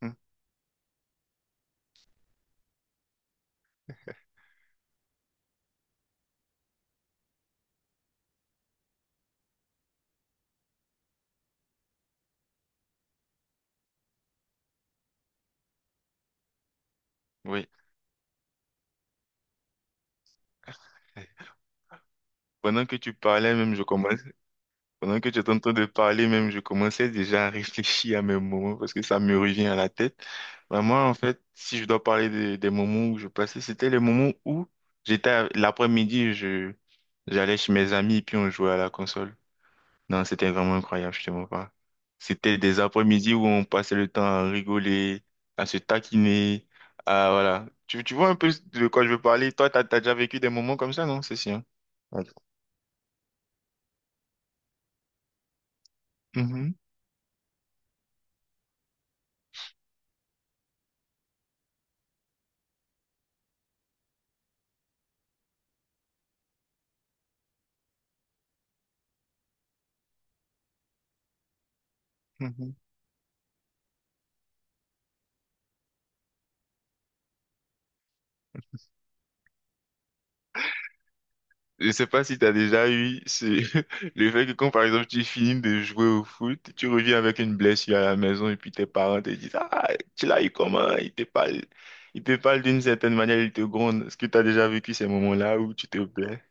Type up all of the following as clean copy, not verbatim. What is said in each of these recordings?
Mhm. Oui. Pendant que tu parlais même, je commence, pendant que tu étais en train de parler même, je commençais déjà à réfléchir à mes moments parce que ça me revient à la tête. Moi en fait, si je dois parler des moments où je passais, c'était les moments où l'après-midi, j'allais chez mes amis et puis on jouait à la console. Non, c'était vraiment incroyable, je te mens pas. C'était des après-midi où on passait le temps à rigoler, à se taquiner, à voilà. Tu vois un peu de quoi je veux parler. Toi, t'as déjà vécu des moments comme ça, non? C'est sûr. Ouais. Mhm, mhm. Je sais pas si t'as déjà eu ce- le fait que quand par exemple tu finis de jouer au foot, tu reviens avec une blessure à la maison et puis tes parents te disent: «Ah, tu l'as eu comment?» Ils te parlent d'une certaine manière, ils te grondent. Est-ce que t'as déjà vécu ces moments-là où tu te plais?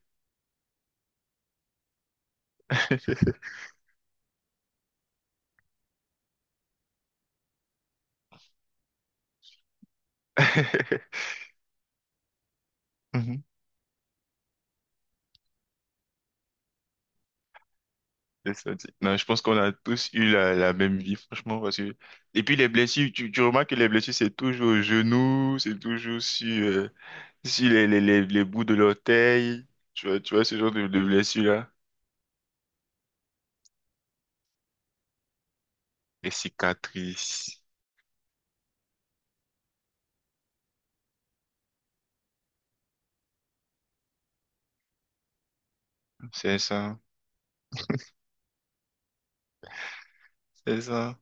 Mhm. C'est ça, tu sais. Non, je pense qu'on a tous eu la même vie, franchement, parce que... Et puis les blessures, tu remarques que les blessures, c'est toujours au genou, c'est toujours sur, sur les bouts de l'orteil, tu vois ce genre de blessures-là. Les cicatrices, c'est ça, c'est ça.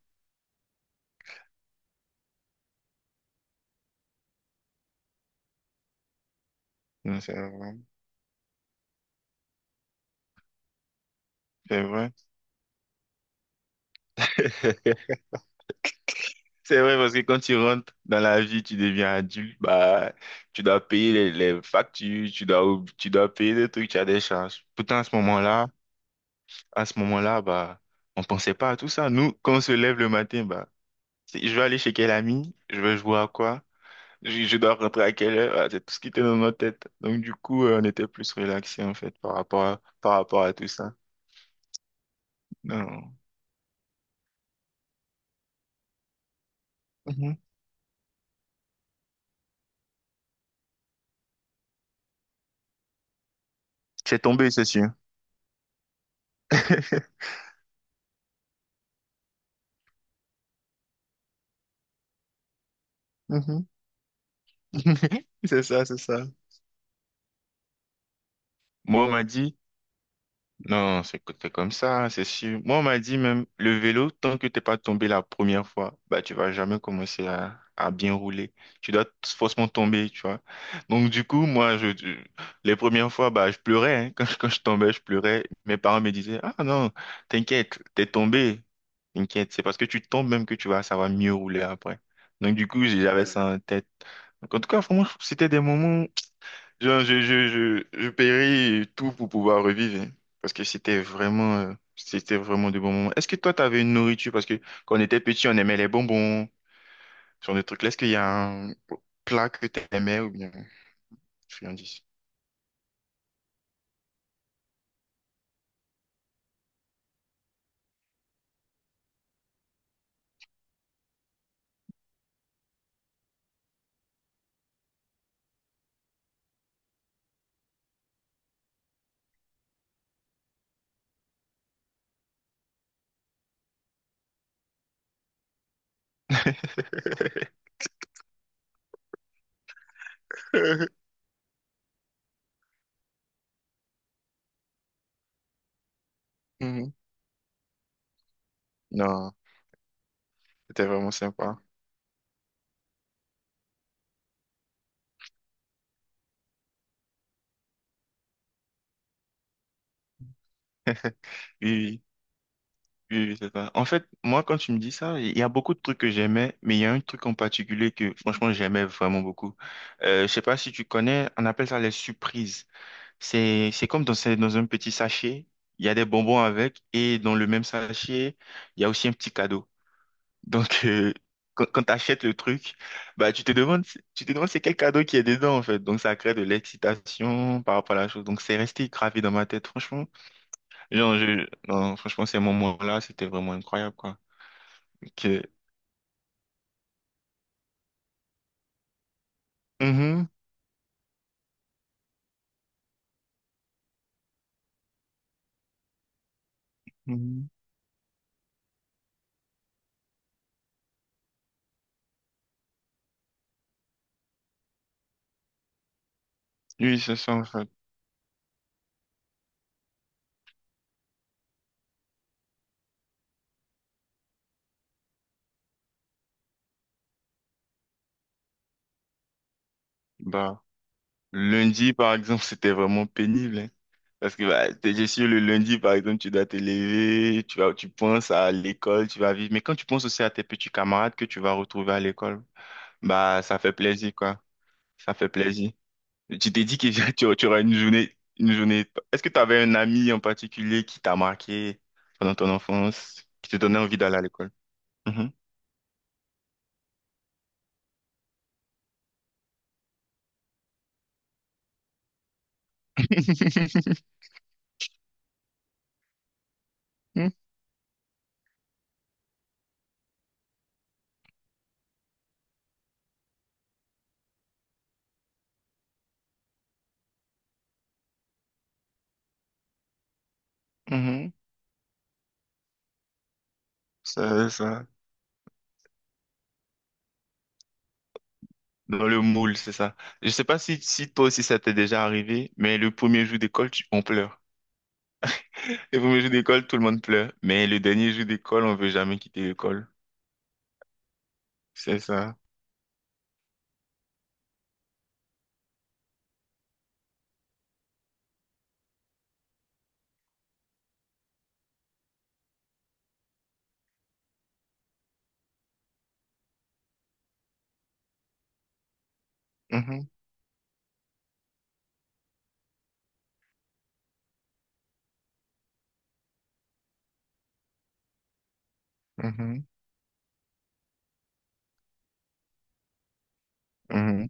Non, c'est vrai, c'est vrai. C'est vrai, parce que quand tu rentres dans la vie, tu deviens adulte, bah, tu dois payer les factures, tu dois payer des trucs, tu as des charges. Pourtant, à ce moment-là, bah, on pensait pas à tout ça. Nous, quand on se lève le matin, bah, je vais aller chez quel ami, je vais jouer à quoi, je dois rentrer à quelle heure. Voilà, c'est tout ce qui était dans notre tête. Donc, du coup, on était plus relaxés, en fait, par rapport à tout ça. Non. Mhm. C'est tombé, c'est sûr. Mhm. C'est ça, c'est ça. Moi, on m'a dit, Non, c'est co- c'est comme ça, c'est sûr. Moi, on m'a dit même, le vélo, tant que t'es pas tombé la première fois, bah, tu vas jamais commencer à bien rouler. Tu dois t- Forcément tomber, tu vois. Donc, du coup, les premières fois, bah, je pleurais, hein. Quand quand je tombais, je pleurais. Mes parents me disaient: «Ah non, t'inquiète, t'es tombé. T'inquiète, c'est parce que tu tombes même que tu vas savoir mieux rouler après.» Donc, du coup, j'avais ça en tête. Donc, en tout cas, vraiment, c'était des moments je paierai tout pour pouvoir revivre, hein. Parce que c'était vraiment de bons moments. Est-ce que toi, tu avais une nourriture? Parce que quand on était petit, on aimait les bonbons, ce genre de trucs. Est-ce qu'il y a un plat que tu aimais ou bien friandise? Mhm. Non, c'était vraiment sympa. Oui, oui, oui, c'est ça. En fait, moi, quand tu me dis ça, il y a beaucoup de trucs que j'aimais, mais il y a un truc en particulier que, franchement, j'aimais vraiment beaucoup. Je sais pas si tu connais, on appelle ça les surprises. C'est comme dans un petit sachet, il y a des bonbons avec, et dans le même sachet, il y a aussi un petit cadeau. Donc, quand, quand tu achètes le truc, bah, tu te demandes c'est quel cadeau qui est dedans, en fait. Donc, ça crée de l'excitation par rapport à la chose. Donc, c'est resté gravé dans ma tête, franchement. Genre, je, non, franchement, ces moments-là, c'était vraiment incroyable, quoi. Que- Mhm, mhm. Oui, c'est ça, en fait. Bah, lundi, par exemple, c'était vraiment pénible, hein. Parce que bah, je suis le lundi, par exemple, tu dois te lever, tu vas, tu penses à l'école, tu vas vivre. Mais quand tu penses aussi à tes petits camarades que tu vas retrouver à l'école, bah ça fait plaisir, quoi. Ça fait plaisir. Tu t'es dit que tu auras une journée, une journée. Est-ce que tu avais un ami en particulier qui t'a marqué pendant ton enfance, qui te donnait envie d'aller à l'école? Mhm. Mhm. Ça, ça. Dans le moule, c'est ça. Je sais pas si, si toi aussi ça t'est déjà arrivé, mais le premier jour d'école, on pleure. Le premier jour d'école, tout le monde pleure. Mais le dernier jour d'école, on veut jamais quitter l'école. C'est ça. Mhm, mhm, mhm.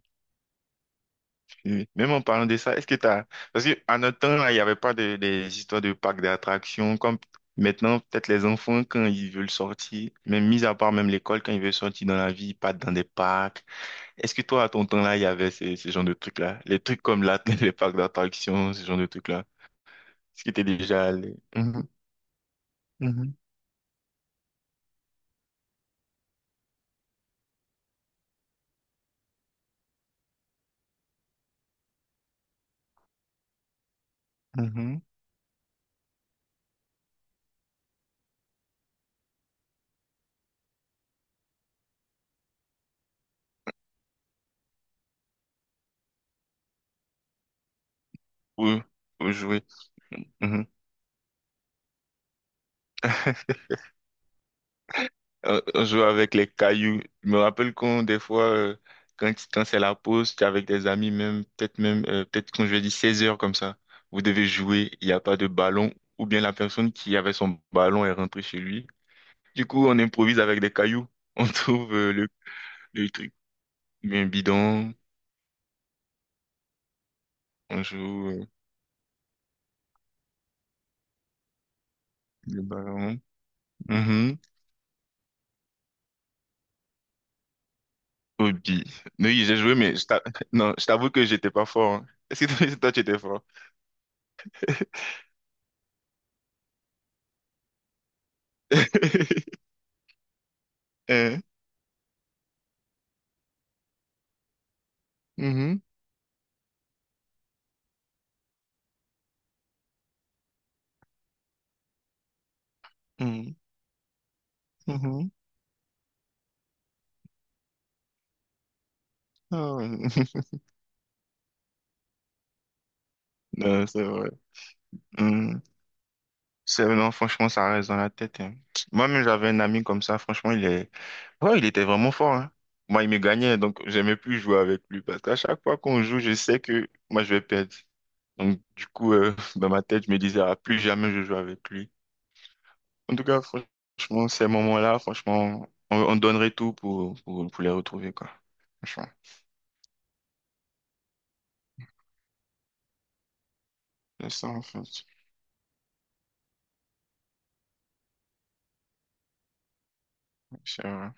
Et même en parlant de ça, est-ce que t'as... Parce que à notre temps, là, il n'y avait pas des histoires de parcs d'attractions. Comme maintenant, peut-être les enfants, quand ils veulent sortir, même mis à part même l'école, quand ils veulent sortir dans la vie, ils partent dans des parcs. Est-ce que toi, à ton temps-là, il y avait ces genres de trucs-là? Les trucs comme là, les parcs d'attractions, ce genre de trucs-là. Est-ce que t'es déjà allé? Mhm, mhm, mhm. Oui, oui, jouer. Mhm. On jouait avec les cailloux. Je me rappelle qu'on, des fois, quand, quand c'est la pause, t'es avec des amis, même, peut-être qu'on je dis 16 heures comme ça, vous devez jouer, il n'y a pas de ballon, ou bien la personne qui avait son ballon est rentrée chez lui. Du coup, on improvise avec des cailloux. On trouve, le truc bien bidon. On joue le ballon. Mhm. Hobby. Oui, j'ai joué, mais non, je t'avoue que j'étais pas fort, hein. Est-ce que toi, toi, tu étais fort? Hein? Mhm. Mhm. Mhm. Ah. Non, c'est vrai. Mhm. C'est, non, franchement, ça reste dans la tête, hein. Moi-même, j'avais un ami comme ça. Franchement, il est... ouais, il était vraiment fort, hein. Moi, il me gagnait, donc j'aimais plus jouer avec lui. Parce qu'à chaque fois qu'on joue, je sais que moi, je vais perdre. Donc, du coup, dans ma tête, je me disais, ah, plus jamais je joue avec lui. En tout cas, franchement, ces moments-là, franchement, on donnerait tout pour les retrouver, quoi. Franchement. C'est ça, en fait. C'est vrai.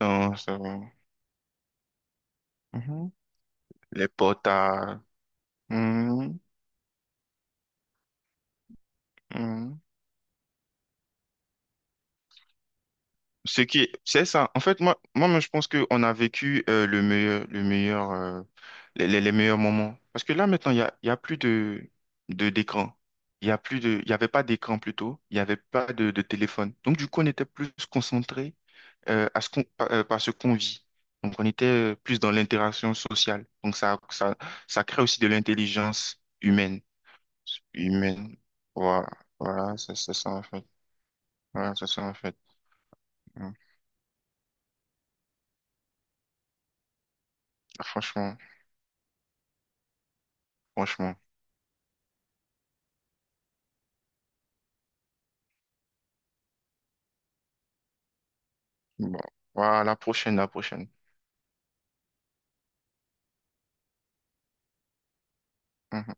Non, c'est vrai. Mhm. Les portables. Mhm. Mhm. Ce qui c'est ça. En fait, moi, je pense qu'on a vécu le meilleur, les meilleurs moments. Parce que là, maintenant, il y a plus de, d'écran. Il y a plus de, il y avait pas d'écran plutôt. Il y avait pas de téléphone. Donc, du coup, on était plus concentré à ce qu'on, par par ce qu'on vit. Donc, on était plus dans l'interaction sociale. Donc, ça crée aussi de l'intelligence humaine. Humaine. Voilà, voilà, c'est ça en fait. Voilà, c'est ça en fait. Mm. Franchement, franchement. Bon, voilà, la prochaine. Mhm.